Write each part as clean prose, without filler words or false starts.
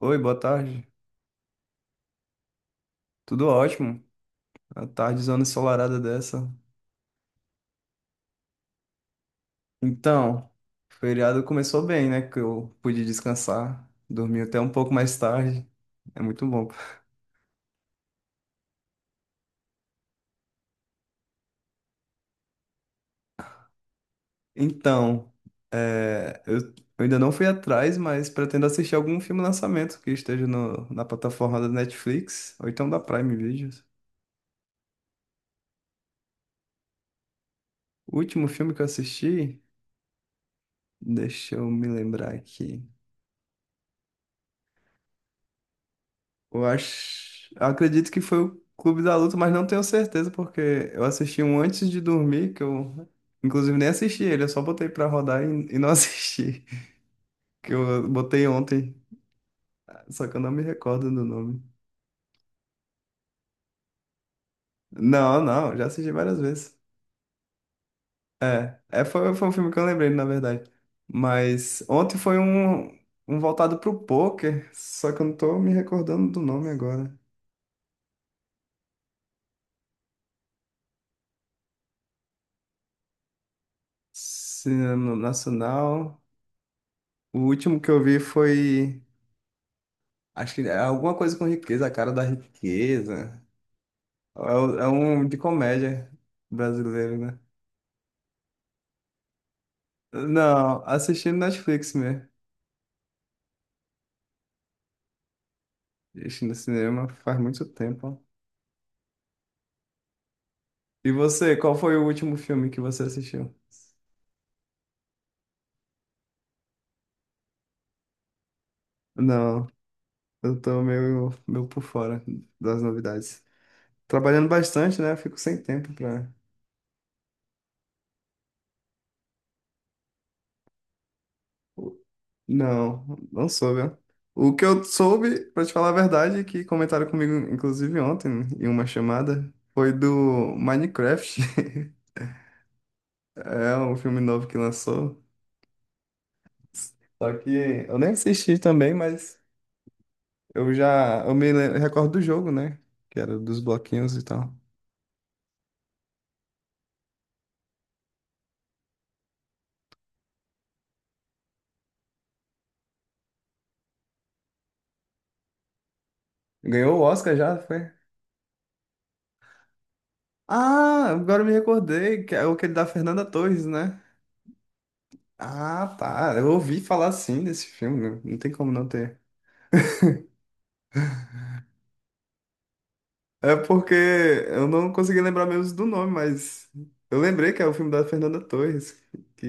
Oi, boa tarde. Tudo ótimo. A tarde zona ensolarada dessa. Então, o feriado começou bem, né? Que eu pude descansar. Dormi até um pouco mais tarde. É muito bom. Então, eu ainda não fui atrás, mas pretendo assistir algum filme lançamento que esteja na plataforma da Netflix ou então da Prime Videos. O último filme que eu assisti, deixa eu me lembrar aqui. Eu acredito que foi o Clube da Luta, mas não tenho certeza porque eu assisti um antes de dormir, que eu inclusive nem assisti ele, eu só botei pra rodar e não assisti, que eu botei ontem, só que eu não me recordo do nome. Não, não, já assisti várias vezes. Foi um filme que eu lembrei, na verdade. Mas ontem foi um voltado pro poker, só que eu não tô me recordando do nome agora. Cinema Nacional. O último que eu vi foi, acho que é alguma coisa com riqueza, a cara da riqueza. É, é um de comédia brasileiro, né? Não, assistindo Netflix mesmo. Assistindo cinema faz muito tempo. E você, qual foi o último filme que você assistiu? Não, eu tô meio por fora das novidades. Trabalhando bastante, né? Fico sem tempo pra... Não, não soube, ó. O que eu soube, pra te falar a verdade, é que comentaram comigo, inclusive ontem, em uma chamada, foi do Minecraft. É um filme novo que lançou. Só que eu nem assisti também, mas eu já. Eu recordo do jogo, né? Que era dos bloquinhos e tal. Ganhou o Oscar já, foi? Ah, agora eu me recordei, que é o que ele da Fernanda Torres, né? Ah, tá. Eu ouvi falar sim desse filme, não tem como não ter. É porque eu não consegui lembrar mesmo do nome, mas eu lembrei que é o filme da Fernanda Torres, que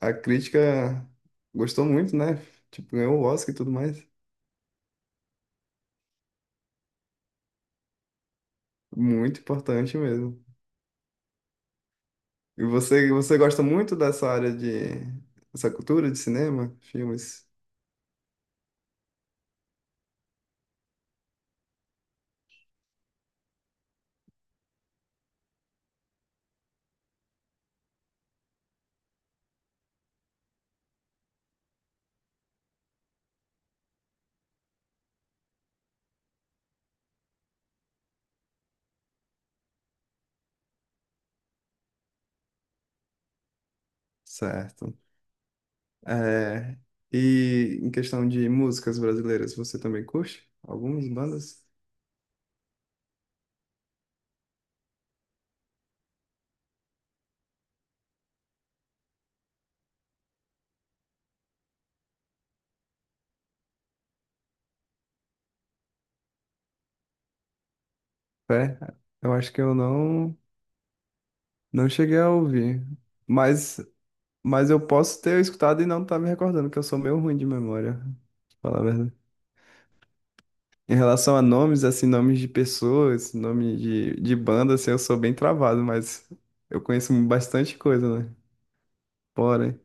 a crítica gostou muito, né? Tipo, ganhou o Oscar e tudo mais. Muito importante mesmo. E você, você gosta muito dessa cultura de cinema, filmes? Certo. É, e em questão de músicas brasileiras, você também curte algumas bandas? É, eu acho que eu não, não cheguei a ouvir. Mas Mas eu posso ter escutado e não tá me recordando, que eu sou meio ruim de memória, pra falar a verdade. Em relação a nomes, assim, nomes de pessoas, nome de banda, assim, eu sou bem travado, mas eu conheço bastante coisa, né? Porém,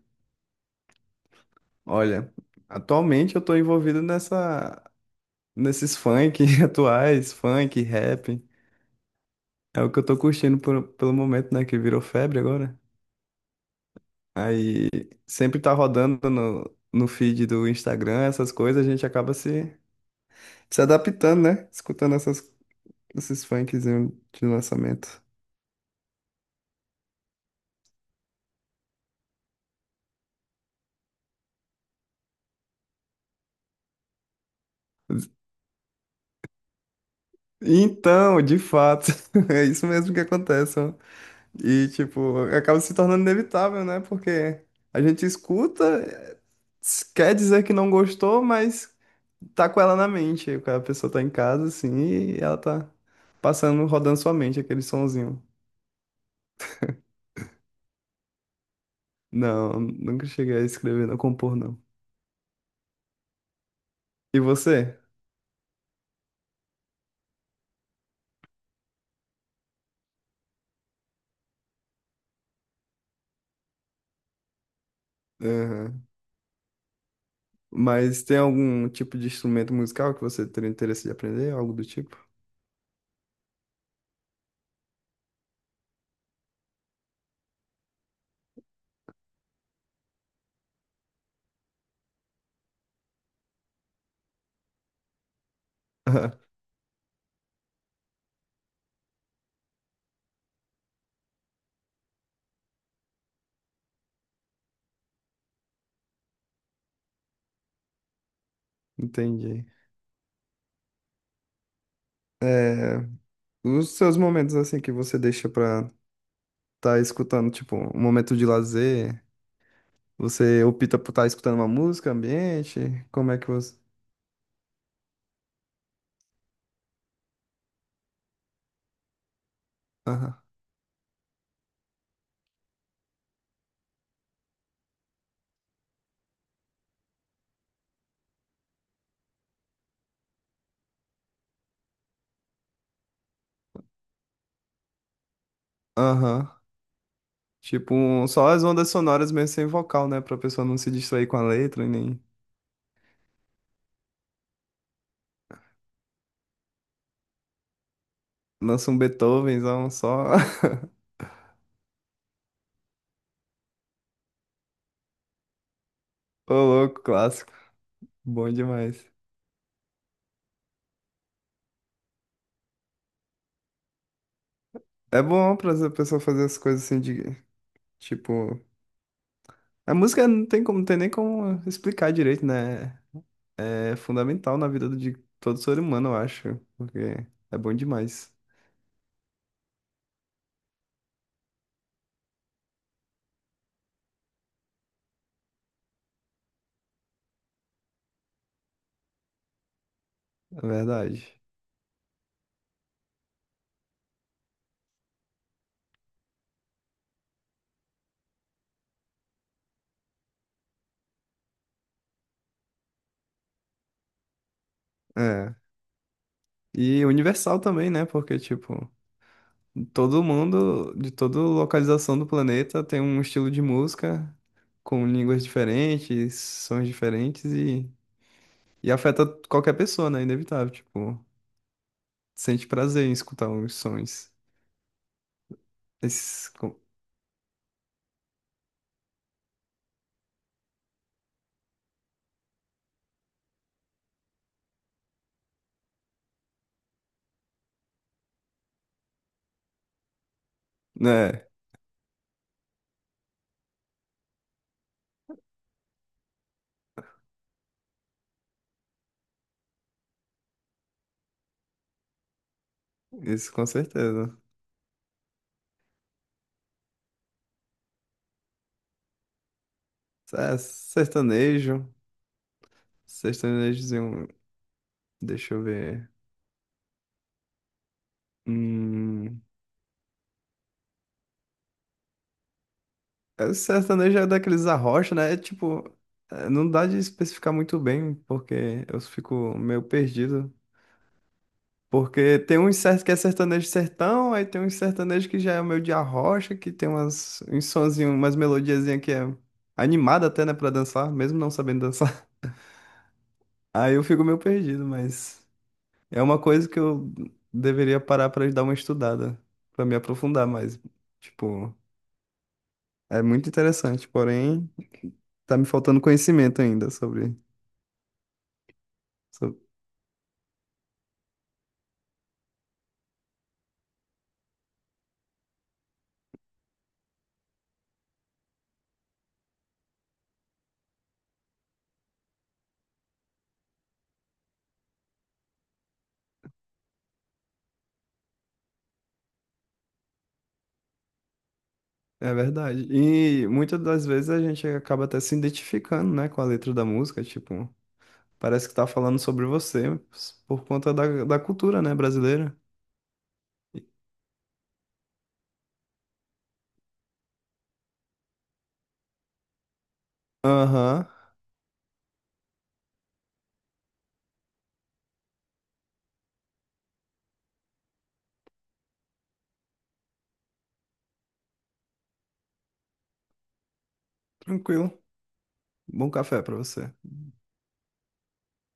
olha, atualmente eu tô nesses funk atuais, funk, rap. É o que eu tô curtindo pelo momento, né? Que virou febre agora. Aí sempre tá rodando no feed do Instagram, essas coisas, a gente acaba se adaptando, né? Escutando esses funkzinhos de lançamento. Então, de fato, é isso mesmo que acontece, ó. E, tipo, acaba se tornando inevitável, né? Porque a gente escuta, quer dizer que não gostou, mas tá com ela na mente. A pessoa tá em casa, assim, e ela tá passando, rodando sua mente aquele sonzinho. Não, nunca cheguei a escrever, não compor, não. E você? Mas tem algum tipo de instrumento musical que você teria interesse de aprender? Algo do tipo? Entendi. É, os seus momentos assim que você deixa pra estar escutando, tipo, um momento de lazer, você opta por estar escutando uma música, ambiente? Como é que você... Aham. Aham. Tipo, só as ondas sonoras mesmo sem vocal, né? Pra pessoa não se distrair com a letra, e nem lança um Beethovenzão só. Ô, louco, clássico. Bom demais. É bom pra essa pessoa fazer as coisas tipo, A música não tem como, não tem nem como explicar direito, né? É fundamental na vida de todo ser humano, eu acho, porque é bom demais, é verdade. É. E universal também, né? Porque, tipo, todo mundo, de toda localização do planeta, tem um estilo de música com línguas diferentes, sons diferentes e afeta qualquer pessoa, né? Inevitável, tipo, sente prazer em escutar os sons. Esses, com- né? Isso com certeza. É, sertanejo. Sertanejozinho. Deixa eu ver. Hum, é, sertanejo é daqueles arrocha, né? É tipo... é, não dá de especificar muito bem, porque eu fico meio perdido. Porque tem uns certos que é sertanejo sertão, aí tem uns sertanejo que já é meio de arrocha, que tem uns sonzinhos, umas melodiazinhas que é animada até, né, pra dançar, mesmo não sabendo dançar. Aí eu fico meio perdido, mas... É uma coisa que eu deveria parar pra dar uma estudada, pra me aprofundar mais. Tipo, é muito interessante, porém, tá me faltando conhecimento ainda sobre, sobre... É verdade. E muitas das vezes a gente acaba até se identificando, né, com a letra da música, tipo, parece que tá falando sobre você por conta da cultura, né, brasileira. Aham, tranquilo. Bom café pra você.